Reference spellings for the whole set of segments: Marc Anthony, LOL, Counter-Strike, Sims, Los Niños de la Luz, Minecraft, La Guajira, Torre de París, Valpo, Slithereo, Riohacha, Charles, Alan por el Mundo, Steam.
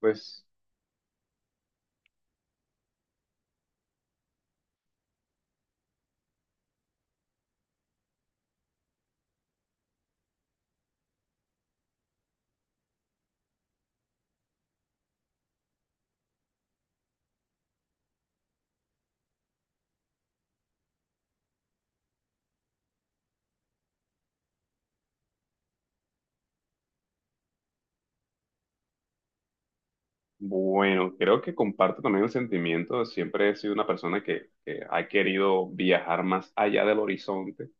Pues bueno, creo que comparto también el sentimiento. Siempre he sido una persona que ha querido viajar más allá del horizonte,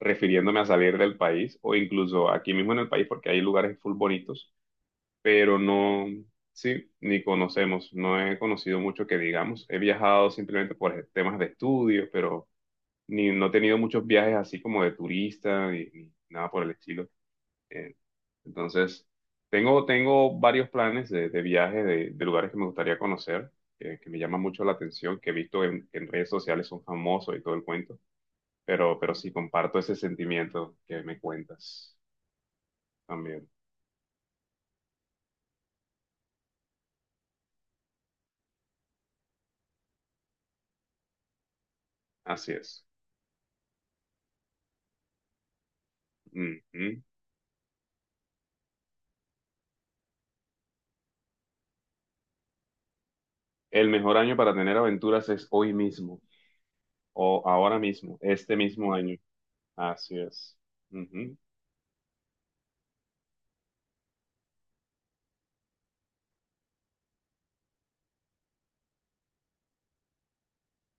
refiriéndome a salir del país o incluso aquí mismo en el país porque hay lugares full bonitos, pero no, sí, ni conocemos, no he conocido mucho que digamos. He viajado simplemente por temas de estudio, pero ni, no he tenido muchos viajes así como de turista ni nada por el estilo. Eh, entonces, tengo varios planes de viaje, de lugares que me gustaría conocer, que me llaman mucho la atención, que he visto en redes sociales, son famosos y todo el cuento, pero sí comparto ese sentimiento que me cuentas también. Así es. Ujú. El mejor año para tener aventuras es hoy mismo o ahora mismo, este mismo año. Así es. Ujú.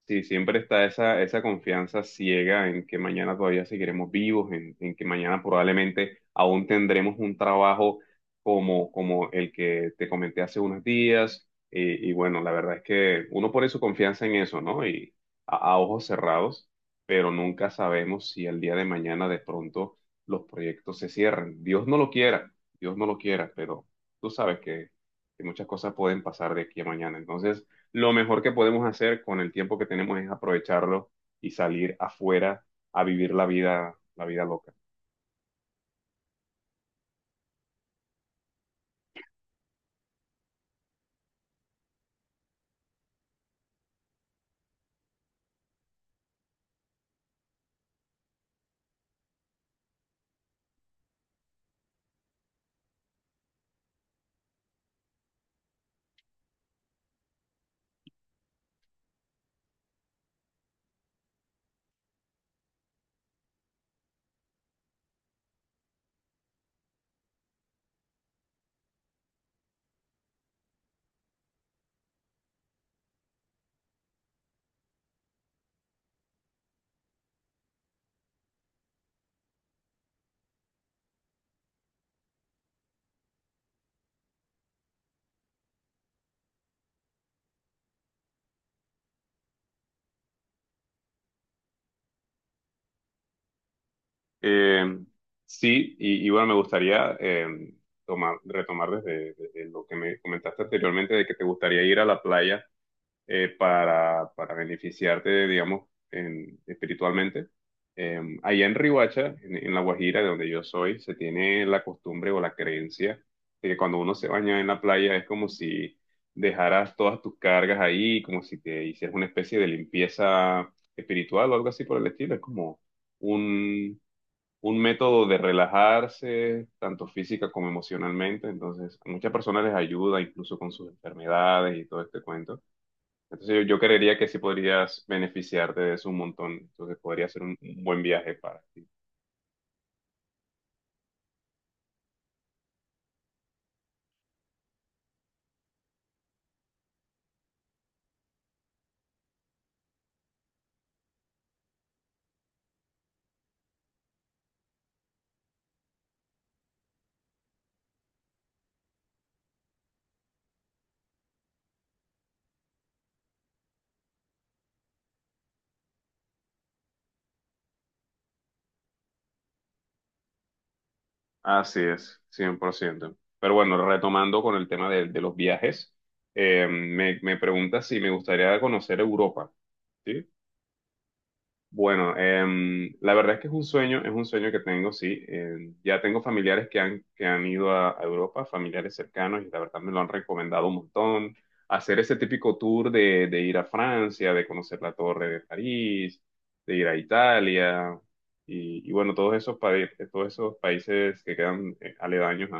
Sí, siempre está esa confianza ciega en que mañana todavía seguiremos vivos, en que mañana probablemente aún tendremos un trabajo como el que te comenté hace unos días. Y bueno, la verdad es que uno pone su confianza en eso, ¿no? Y a ojos cerrados, pero nunca sabemos si el día de mañana de pronto los proyectos se cierran. Dios no lo quiera, Dios no lo quiera, pero tú sabes que muchas cosas pueden pasar de aquí a mañana. Entonces lo mejor que podemos hacer con el tiempo que tenemos es aprovecharlo y salir afuera a vivir la vida loca. Eh, sí, y bueno, me gustaría retomar desde lo que me comentaste anteriormente de que te gustaría ir a la playa para beneficiarte, digamos, en- espiritualmente. Allá en Riohacha, en La Guajira, de donde yo soy, se tiene la costumbre o la creencia de que cuando uno se baña en la playa es como si dejaras todas tus cargas ahí, como si te hicieras una especie de limpieza espiritual o algo así por el estilo. Es como un, un método de relajarse, tanto física como emocionalmente. Entonces, a muchas personas les ayuda incluso con sus enfermedades y todo este cuento. Entonces yo creería que sí podrías beneficiarte de eso un montón. Entonces podría ser un buen viaje para ti. Así es, 100%. Pero bueno, retomando con el tema de los viajes, me preguntas si me gustaría conocer Europa, ¿sí? Bueno, la verdad es que es un sueño que tengo, sí. Em, ya tengo familiares que han ido a Europa, familiares cercanos, y la verdad me lo han recomendado un montón. Hacer ese típico tour de ir a Francia, de conocer la Torre de París, de ir a Italia, y bueno, todos esos países que quedan aledaños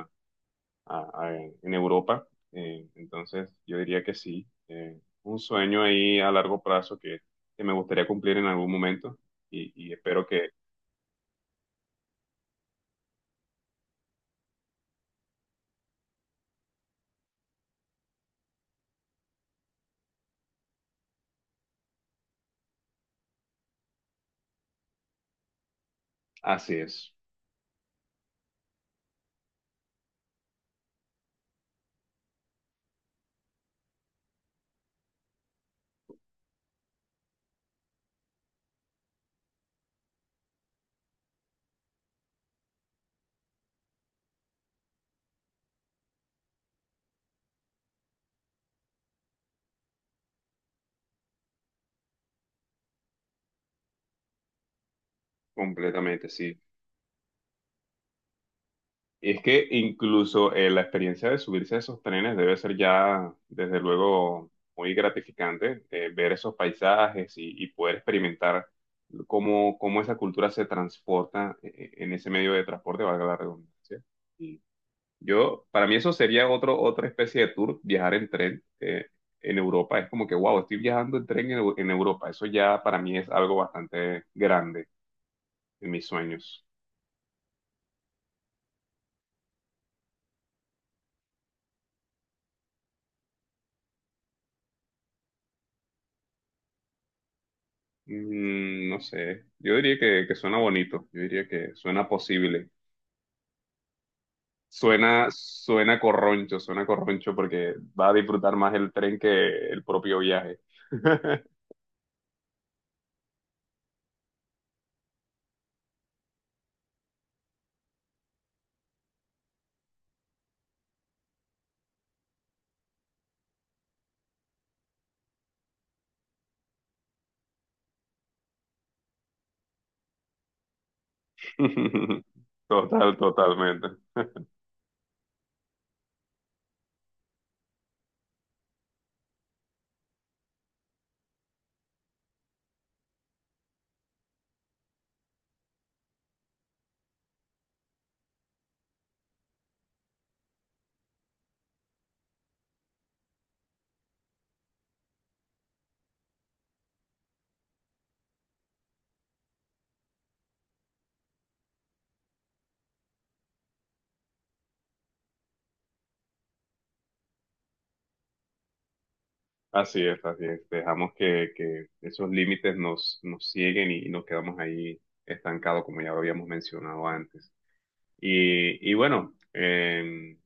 en Europa. Entonces, yo diría que sí. Un sueño ahí a largo plazo que me gustaría cumplir en algún momento y espero que así es, completamente, sí. Y es que incluso la experiencia de subirse a esos trenes debe ser ya, desde luego, muy gratificante, ver esos paisajes y poder experimentar cómo esa cultura se transporta en ese medio de transporte, valga la redundancia. Yo, para mí eso sería otro, otra especie de tour, viajar en tren en Europa. Es como que, wow, estoy viajando en tren en, en Europa. Eso ya para mí es algo bastante grande en mis sueños. Mm, no sé, yo diría que suena bonito, yo diría que suena posible. Suena, suena corroncho porque va a disfrutar más el tren que el propio viaje. Total, totalmente. Así es, así es. Dejamos que esos límites nos, nos siguen y nos quedamos ahí estancados, como ya lo habíamos mencionado antes. Y bueno,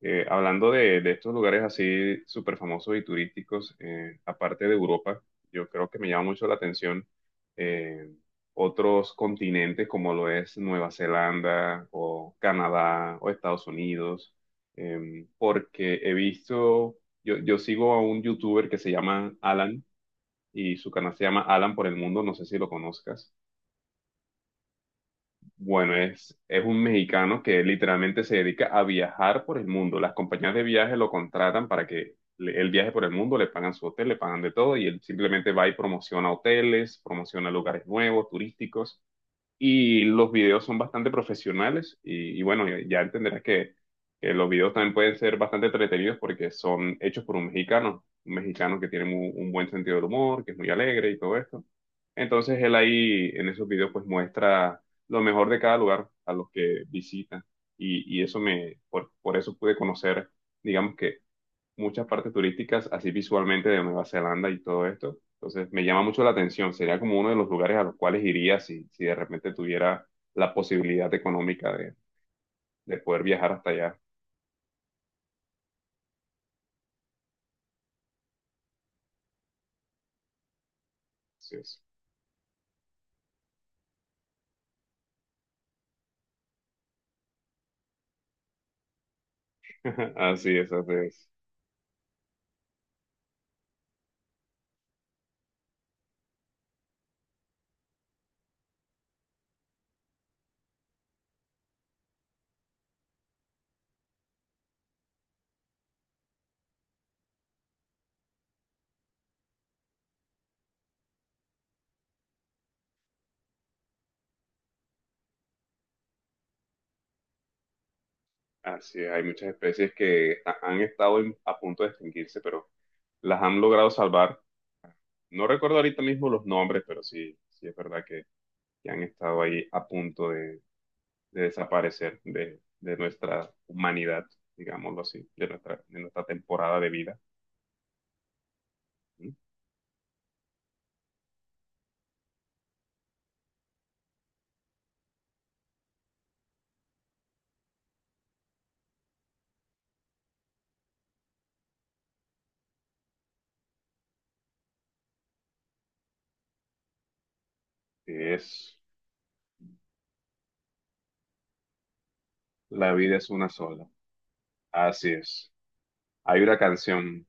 hablando de estos lugares así súper famosos y turísticos, aparte de Europa, yo creo que me llama mucho la atención eh, otros continentes como lo es Nueva Zelanda o Canadá o Estados Unidos, em, porque he visto, yo sigo a un youtuber que se llama Alan y su canal se llama Alan por el Mundo, no sé si lo conozcas. Bueno, es un mexicano que literalmente se dedica a viajar por el mundo. Las compañías de viaje lo contratan para que él viaje por el mundo, le pagan su hotel, le pagan de todo y él simplemente va y promociona hoteles, promociona lugares nuevos, turísticos. Y los videos son bastante profesionales y bueno, ya entenderás que los videos también pueden ser bastante entretenidos porque son hechos por un mexicano que tiene un buen sentido del humor, que es muy alegre y todo esto. Entonces él ahí en esos videos pues muestra lo mejor de cada lugar a los que visita y eso me, por eso pude conocer, digamos que muchas partes turísticas así visualmente de Nueva Zelanda y todo esto. Entonces me llama mucho la atención, sería como uno de los lugares a los cuales iría si de repente tuviera la posibilidad económica de poder viajar hasta allá. Así es. Así es, así es. Así es. Hay muchas especies que han estado a punto de extinguirse, pero las han logrado salvar. No recuerdo ahorita mismo los nombres, pero sí, sí es verdad que han estado ahí a punto de desaparecer de nuestra humanidad, digámoslo así, de nuestra temporada de vida, ¿sí? Que es... La vida es una sola. Así es. Hay una canción,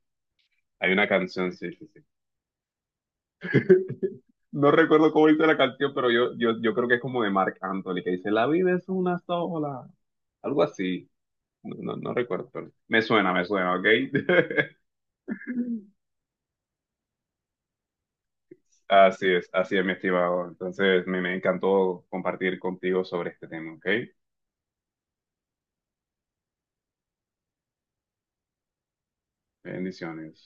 hay una canción, sí, sí, sí. No recuerdo cómo dice la canción, pero yo creo que es como de Marc Anthony, que dice, "La vida es una sola". Algo así. No, no, no recuerdo, pero me suena, ¿ok? Así es, mi estimado. Entonces, me encantó compartir contigo sobre este tema, ¿ok? Bendiciones.